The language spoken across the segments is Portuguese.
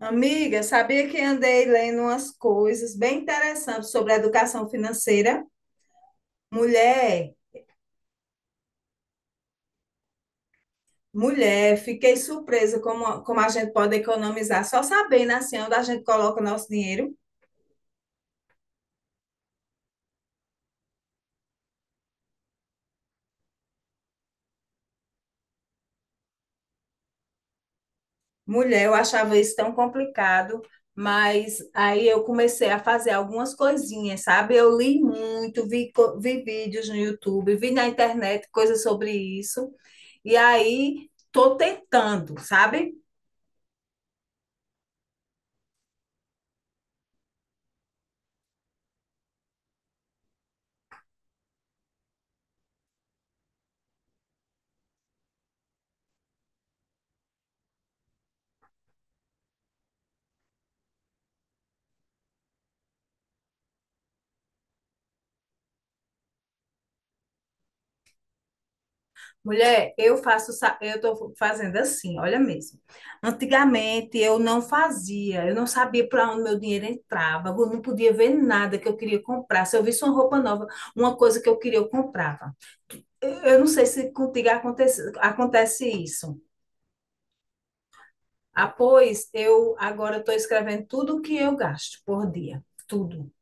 Amiga, sabia que andei lendo umas coisas bem interessantes sobre a educação financeira? Mulher, mulher, fiquei surpresa como a gente pode economizar só sabendo assim onde a gente coloca o nosso dinheiro. Mulher, eu achava isso tão complicado, mas aí eu comecei a fazer algumas coisinhas, sabe? Eu li muito, vi vídeos no YouTube, vi na internet coisas sobre isso, e aí tô tentando, sabe? Mulher, eu tô fazendo assim, olha mesmo. Antigamente eu não fazia, eu não sabia para onde meu dinheiro entrava, eu não podia ver nada que eu queria comprar. Se eu visse uma roupa nova, uma coisa que eu queria, eu comprava. Eu não sei se contigo acontece isso. Após, eu agora estou escrevendo tudo o que eu gasto por dia. Tudo.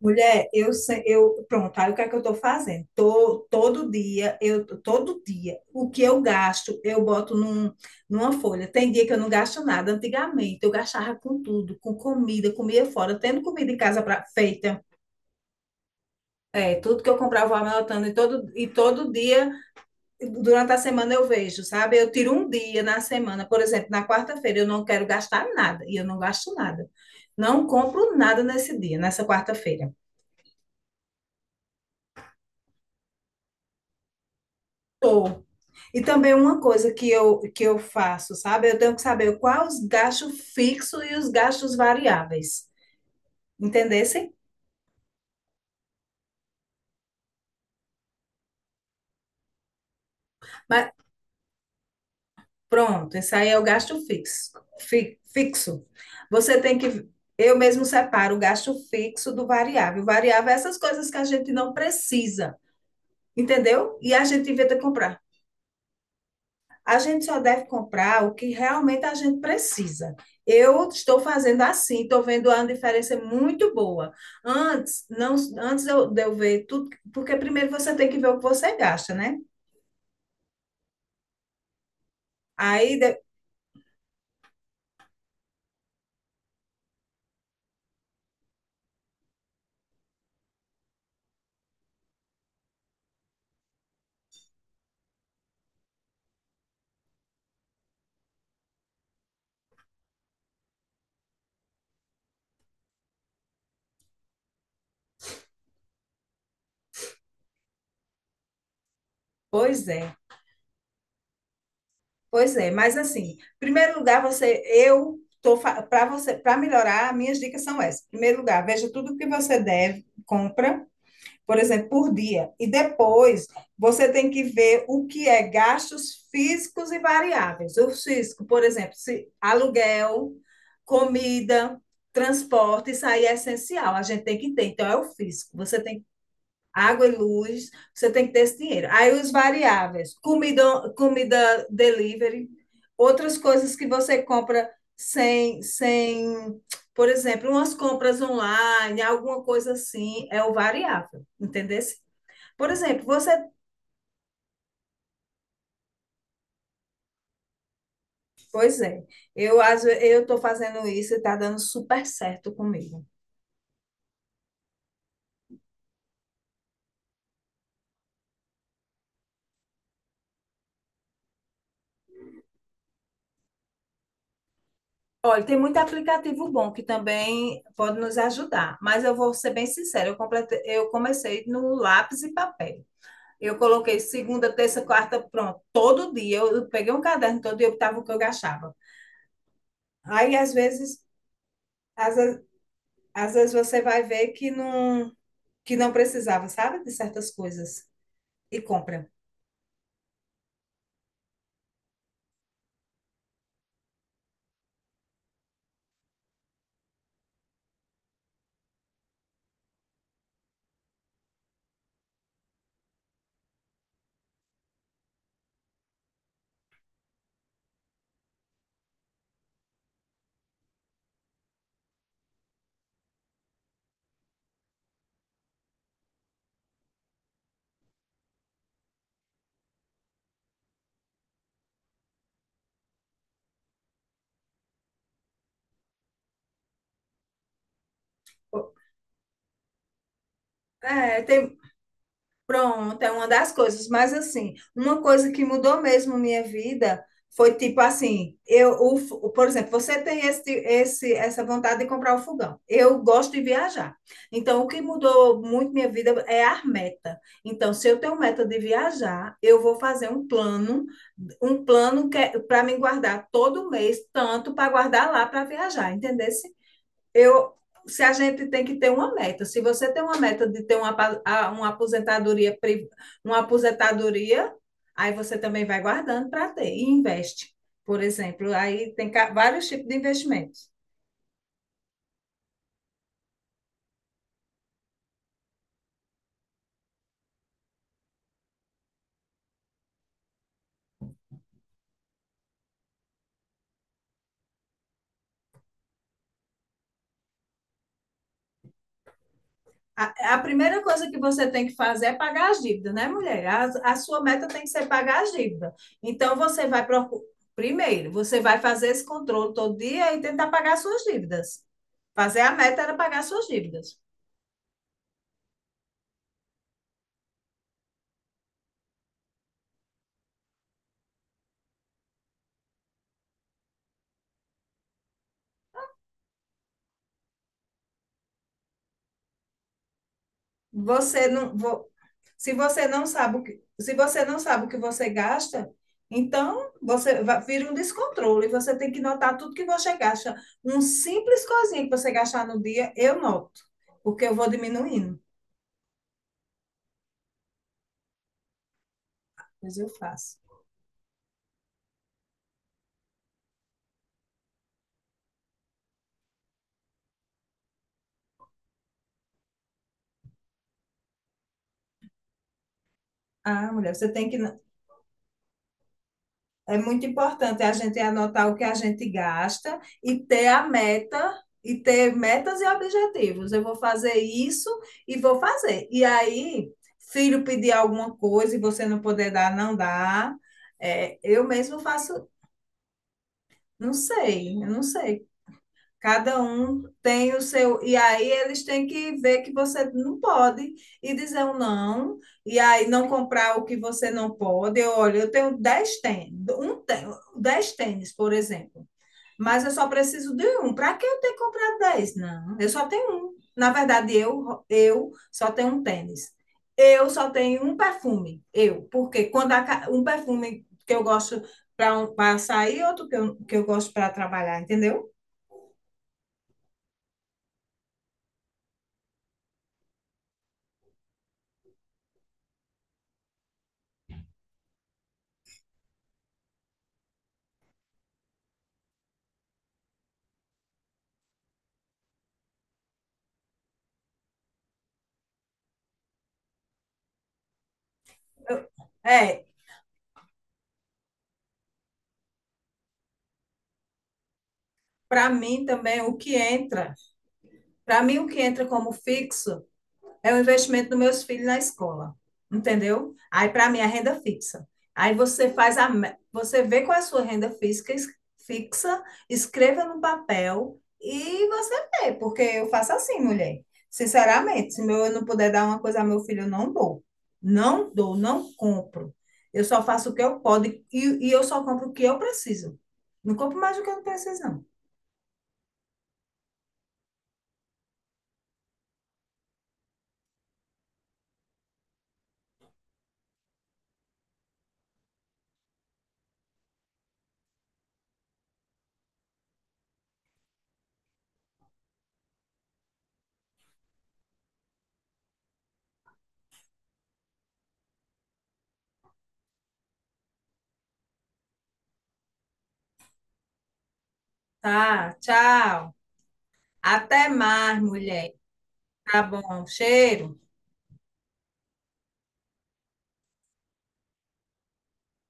Mulher, eu, se- eu pronto, aí o que é que eu estou fazendo? Tô, todo dia, o que eu gasto, eu boto numa folha. Tem dia que eu não gasto nada. Antigamente eu gastava com tudo, com comida, comia fora, tendo comida em casa pra feita. É, tudo que eu comprava, eu vou anotando. E todo dia durante a semana eu vejo, sabe? Eu tiro um dia na semana, por exemplo, na quarta-feira eu não quero gastar nada e eu não gasto nada. Não compro nada nesse dia, nessa quarta-feira. Tô. E também uma coisa que eu faço, sabe? Eu tenho que saber quais os gastos fixos e os gastos variáveis. Entendessem? Mas pronto, esse aí é o gasto fixo. Fixo. Você tem que eu mesmo separo o gasto fixo do variável. O variável é essas coisas que a gente não precisa, entendeu? E a gente inventa comprar. A gente só deve comprar o que realmente a gente precisa. Eu estou fazendo assim, estou vendo uma diferença muito boa. Antes, não, antes eu, de eu ver tudo, porque primeiro você tem que ver o que você gasta, né? Aí, de, pois é, pois é. Mas assim, em primeiro lugar, você, eu estou para você, para melhorar, minhas dicas são essas. Em primeiro lugar, veja tudo o que você deve, compra, por exemplo, por dia. E depois você tem que ver o que é gastos físicos e variáveis. O físico, por exemplo, se aluguel, comida, transporte, isso aí é essencial, a gente tem que ter. Então, é o físico. Você tem água e luz, você tem que ter esse dinheiro. Aí os variáveis, comida, comida delivery, outras coisas que você compra sem, sem, por exemplo, umas compras online, alguma coisa assim, é o variável, entendeu? Por exemplo, pois é, eu estou fazendo isso e está dando super certo comigo. Olha, tem muito aplicativo bom que também pode nos ajudar, mas eu vou ser bem sincera, eu comecei no lápis e papel. Eu coloquei segunda, terça, quarta, pronto. Todo dia eu peguei um caderno, todo dia eu estava o que eu gastava. Aí às vezes, às, às vezes você vai ver que que não precisava, sabe, de certas coisas e compra. É, tem, Pronto, é uma das coisas. Mas, assim, uma coisa que mudou mesmo minha vida foi tipo assim: eu, o, f- o- por exemplo, você tem essa vontade de comprar o fogão. Eu gosto de viajar. Então, o que mudou muito minha vida é a meta. Então, se eu tenho meta de viajar, eu vou fazer um plano que para me guardar todo mês, tanto para guardar lá para viajar, entendeu? eu, Se a gente tem que ter uma meta, se você tem uma meta de ter uma, uma aposentadoria, uma aposentadoria, aí você também vai guardando para ter e investe. Por exemplo, aí tem vários tipos de investimentos. A primeira coisa que você tem que fazer é pagar as dívidas, né, mulher? A sua meta tem que ser pagar as dívidas. Então, você vai procurar. Primeiro, você vai fazer esse controle todo dia e tentar pagar suas dívidas. Fazer a meta era pagar suas dívidas. Você não, vo- Se você não sabe o que, se você não sabe o que você gasta, então vira um descontrole. Você tem que notar tudo que você gasta. Um simples coisinha que você gastar no dia, eu noto, porque eu vou diminuindo. Mas eu faço. Ah, mulher, você tem que É muito importante a gente anotar o que a gente gasta e ter a meta e ter metas e objetivos. Eu vou fazer isso e vou fazer. E aí, filho pedir alguma coisa e você não poder dar, não dá. É, eu mesmo faço, eu não sei. Cada um tem o seu. E aí eles têm que ver que você não pode e dizer um não. E aí não comprar o que você não pode. Eu, olha, eu tenho 10 tênis, por exemplo. Mas eu só preciso de um. Para que eu ter comprado 10? Não, eu só tenho um. Na verdade, eu só tenho um tênis. Eu só tenho um perfume. Eu. Porque quando a um perfume que eu gosto para um, pra sair, outro que eu gosto para trabalhar, entendeu? Eu- É, Para mim também, para mim o que entra como fixo é o investimento dos meus filhos na escola, entendeu? Aí para mim é renda fixa. Aí você faz a, Você vê qual é a sua renda física fixa, escreva no papel e você vê, porque eu faço assim, mulher. Sinceramente, se meu, eu não puder dar uma coisa ao meu filho, eu não dou. Não dou, não compro. Eu só faço o que eu posso e eu só compro o que eu preciso. Não compro mais do que eu não preciso, não. Tá, tchau. Até mais, mulher. Tá bom. Cheiro.